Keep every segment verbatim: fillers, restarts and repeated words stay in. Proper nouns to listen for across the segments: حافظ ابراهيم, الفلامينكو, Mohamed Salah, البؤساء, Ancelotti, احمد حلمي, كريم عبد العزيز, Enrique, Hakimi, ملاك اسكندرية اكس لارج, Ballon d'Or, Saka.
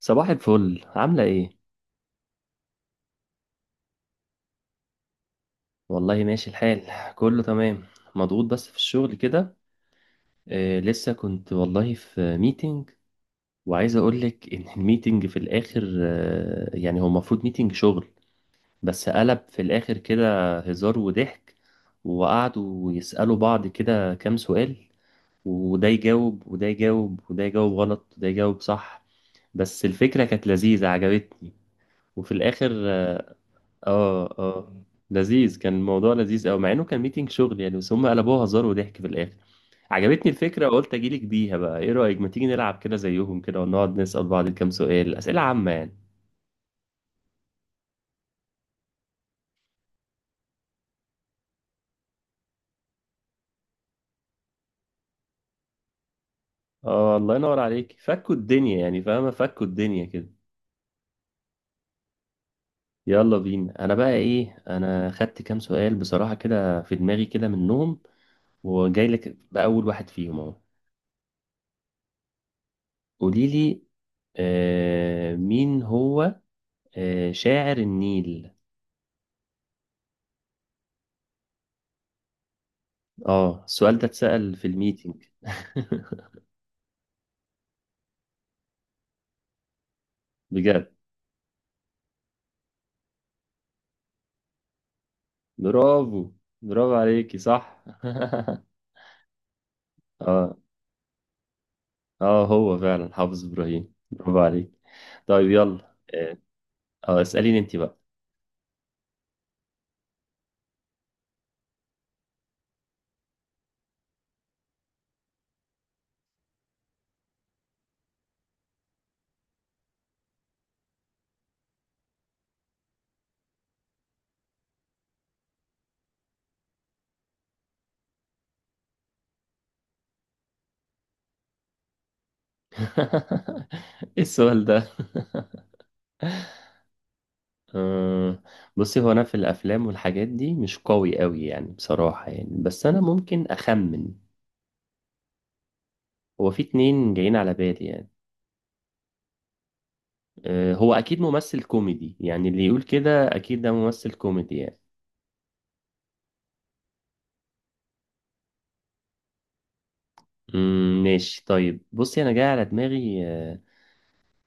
صباح الفل، عاملة ايه؟ والله ماشي الحال، كله تمام. مضغوط بس في الشغل كده. آه لسه كنت والله في ميتنج، وعايز اقولك ان الميتنج في الاخر آه يعني هو المفروض ميتنج شغل، بس قلب في الاخر كده هزار وضحك. وقعدوا يسألوا بعض كده كام سؤال، وده يجاوب وده يجاوب وده يجاوب غلط وده يجاوب صح. بس الفكرة كانت لذيذة، عجبتني. وفي الاخر، اه اه، لذيذ كان الموضوع، لذيذ قوي، مع انه كان ميتنج شغل يعني، بس هم قلبوها هزار وضحك في الاخر. عجبتني الفكره وقلت اجيلك بيها. بقى ايه رايك، ما تيجي نلعب كده زيهم كده ونقعد نسال بعض كام سؤال، اسئله عامه يعني. اه، الله ينور عليك، فكوا الدنيا يعني، فاهمه، فكوا الدنيا كده. يلا بينا. انا بقى ايه، انا خدت كام سؤال بصراحه كده في دماغي كده منهم، وجاي لك باول واحد فيهم اهو. قولي لي، آه مين هو. آه شاعر النيل. اه، السؤال ده اتسأل في الميتنج بجد؟ برافو، برافو عليكي، صح اه اه، هو فعلا حافظ ابراهيم، برافو عليك. طيب يلا اه. آه، اسأليني انت بقى. ايه السؤال ده؟ آه، بصي، هو انا في الافلام والحاجات دي مش قوي قوي يعني، بصراحة يعني، بس انا ممكن اخمن. هو في اتنين جايين على بالي يعني. آه، هو اكيد ممثل كوميدي يعني، اللي يقول كده اكيد ده ممثل كوميدي يعني. مم، ماشي، طيب بصي، انا جاي على دماغي آه،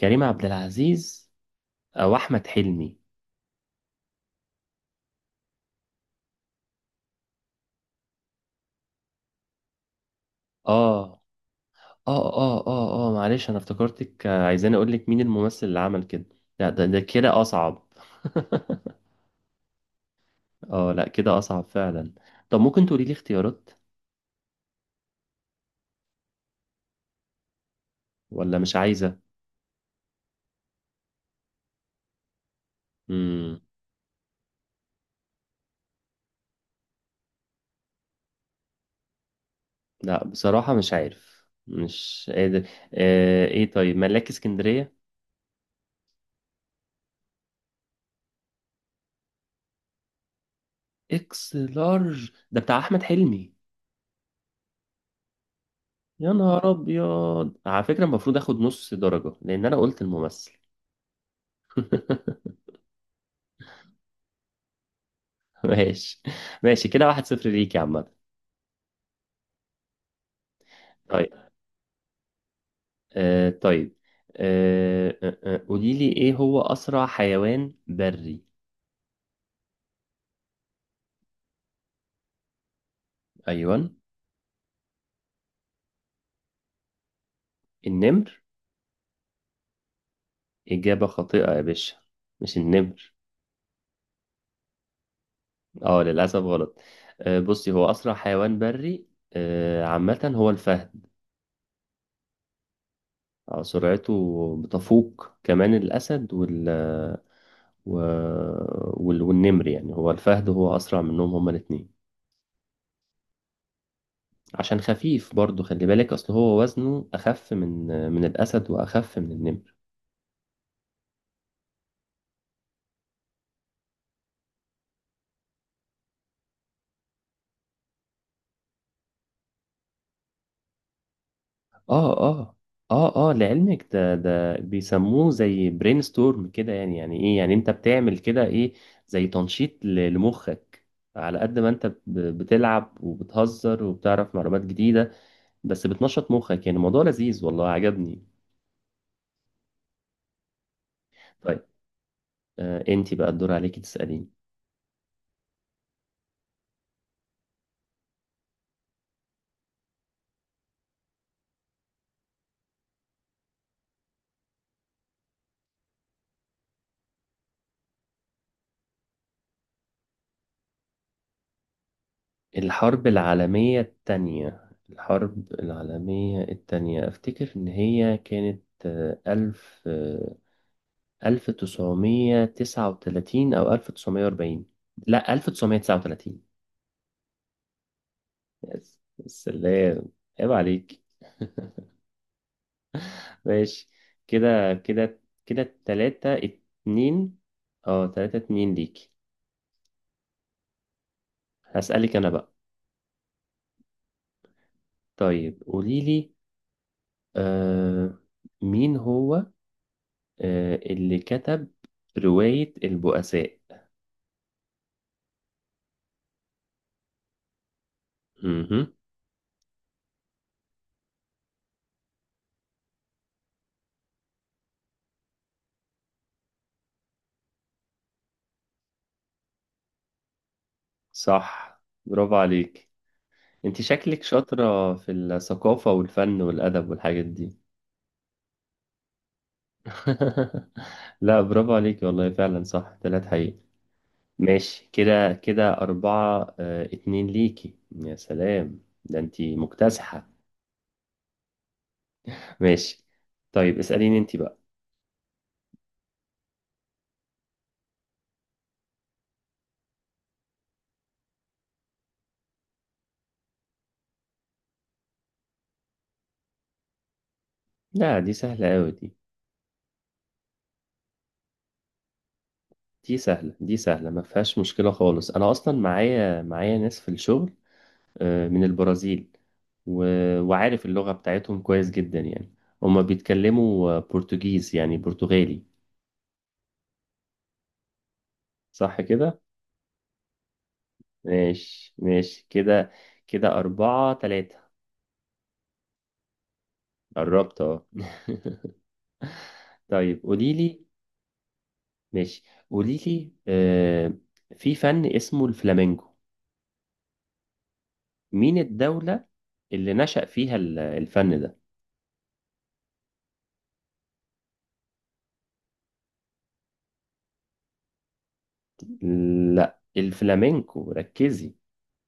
كريم عبد العزيز او احمد حلمي. اه اه اه اه اه، معلش، انا افتكرتك آه، عايزاني اقول لك مين الممثل اللي عمل كده. لا، ده ده كده اصعب. اه، لا كده اصعب فعلا. طب ممكن تقولي لي اختيارات، ولا مش عايزة. مم. لا بصراحة مش عارف، مش قادر. آه ايه، طيب ملاك اسكندرية. اكس لارج، ده بتاع احمد حلمي. يا نهار ابيض، على فكره المفروض اخد نص درجه لان انا قلت الممثل ماشي ماشي، كده واحد صفر ليك يا عم. طيب، آه طيب، آه آه آه. قولي لي ايه هو اسرع حيوان بري؟ ايوه. النمر؟ اجابه خاطئه يا باشا، مش النمر. اه، للاسف غلط. آه بصي، هو اسرع حيوان بري، آه عامه هو الفهد. آه سرعته بتفوق كمان الاسد وال و... وال- والنمر يعني، هو الفهد هو أسرع منهم هما الاتنين. عشان خفيف برضو، خلي بالك، أصل هو وزنه أخف من من الأسد وأخف من النمر. آه آه آه آه لعلمك، ده ده بيسموه زي برين ستورم كده. يعني يعني إيه يعني أنت بتعمل كده إيه؟ زي تنشيط ل- لمخك. على قد ما أنت ب- بتلعب وبتهزر وبتعرف معلومات جديدة بس بتنشط مخك. يعني الموضوع لذيذ، والله عجبني. طيب، آه أنت بقى الدور عليكي تسأليني. الحرب العالمية التانية، الحرب العالمية التانية أفتكر إن هي كانت، آه، ألف، ألف تسعمية تسعة وتلاتين أو ألف تسعمية وأربعين. لا، ألف تسعمية تسعة وتلاتين. بس بس اللي هي، عيب عليك. ماشي، كده كده كده، تلاتة اتنين. اه تلاتة اتنين ليك. هسألك أنا بقى. طيب قوليلي، آه مين هو آه اللي كتب رواية البؤساء؟ مهم. صح، برافو عليك. انت شكلك شاطرة في الثقافة والفن والأدب والحاجات دي. لا برافو عليك والله، فعلا صح تلات حقيقي. ماشي كده كده، أربعة اه اتنين ليكي، يا سلام ده انت مكتسحة ماشي، طيب اسأليني انت بقى. لا دي سهلة أوي، دي دي سهلة، دي سهلة، ما فيهاش مشكلة خالص. أنا أصلا معايا، معايا ناس في الشغل آه، من البرازيل، و- وعارف اللغة بتاعتهم كويس جدا يعني. هما بيتكلموا آه، برتغيز يعني، برتغالي. صح كده؟ ماشي ماشي، كده كده أربعة تلاتة. قربت اه طيب قولي لي. ماشي، قولي لي آه، في فن اسمه الفلامينجو، مين الدولة اللي نشأ فيها ال- الفن ده؟ لا الفلامينكو، ركزي،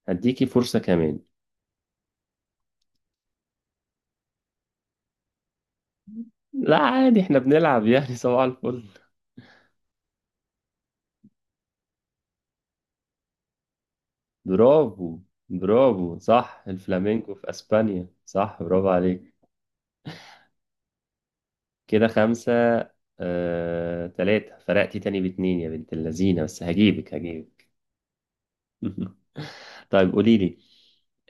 هديكي فرصة كمان. لا عادي، احنا بنلعب يعني صباح الفل. برافو، برافو، صح، الفلامينكو في اسبانيا، صح، برافو عليك. كده خمسة آه، تلاتة، فرقتي تاني باتنين يا بنت اللذينة، بس هجيبك هجيبك طيب قولي لي،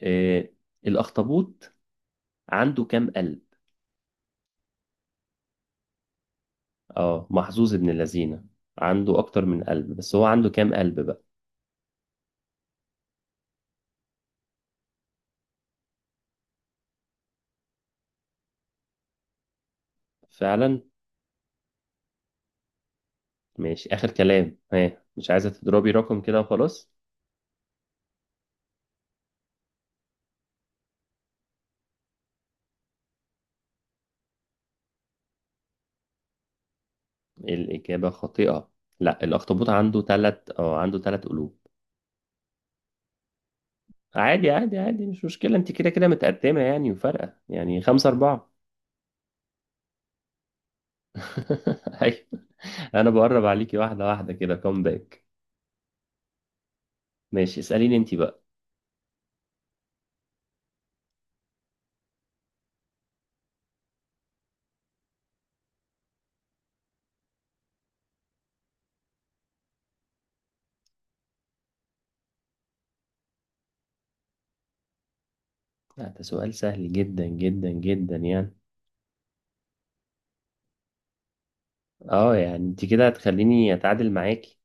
آه، الاخطبوط عنده كام قلب؟ اه محظوظ ابن اللذينة. عنده اكتر من قلب، بس هو عنده كام قلب بقى؟ فعلا. ماشي، اخر كلام، ها، مش عايزة تضربي رقم كده وخلاص؟ الاجابة خاطئة. لا، الاخطبوط عنده تلات، اه عنده تلات قلوب. عادي عادي عادي، مش مشكلة، انت كده كده متقدمة يعني وفارقة يعني، خمسة أربعة. أيوة، أنا بقرب عليكي واحدة واحدة، كده كوم باك. ماشي، اسأليني انت بقى. لا، ده سؤال سهل جدا جدا جدا يعني. اه يعني انت كده هتخليني أتعادل معاكي.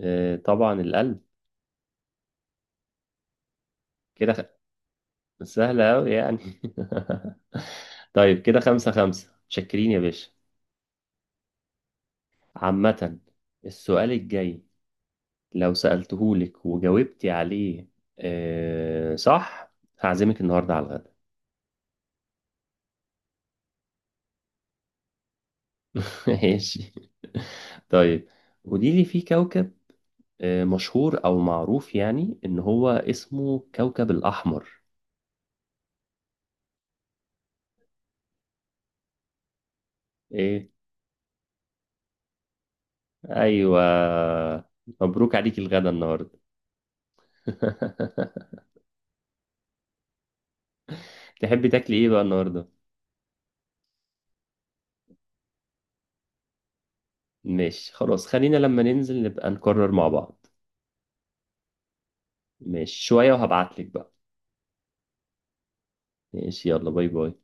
آه طبعا، القلب. كده خ- سهلة أوي يعني طيب كده خمسة خمسة، شكرين يا باشا. عامة، السؤال الجاي لو سألتهولك وجاوبتي عليه آه صح، هعزمك النهارده على الغدا ماشي. طيب قولي لي، في كوكب آه مشهور او معروف يعني، ان هو اسمه كوكب الاحمر. ايه؟ ايوه، مبروك عليك الغدا النهارده تحبي تاكلي ايه بقى النهارده؟ ماشي خلاص، خلينا لما ننزل نبقى نكرر مع بعض. ماشي، شوية وهبعتلك بقى. ماشي، يلا باي باي.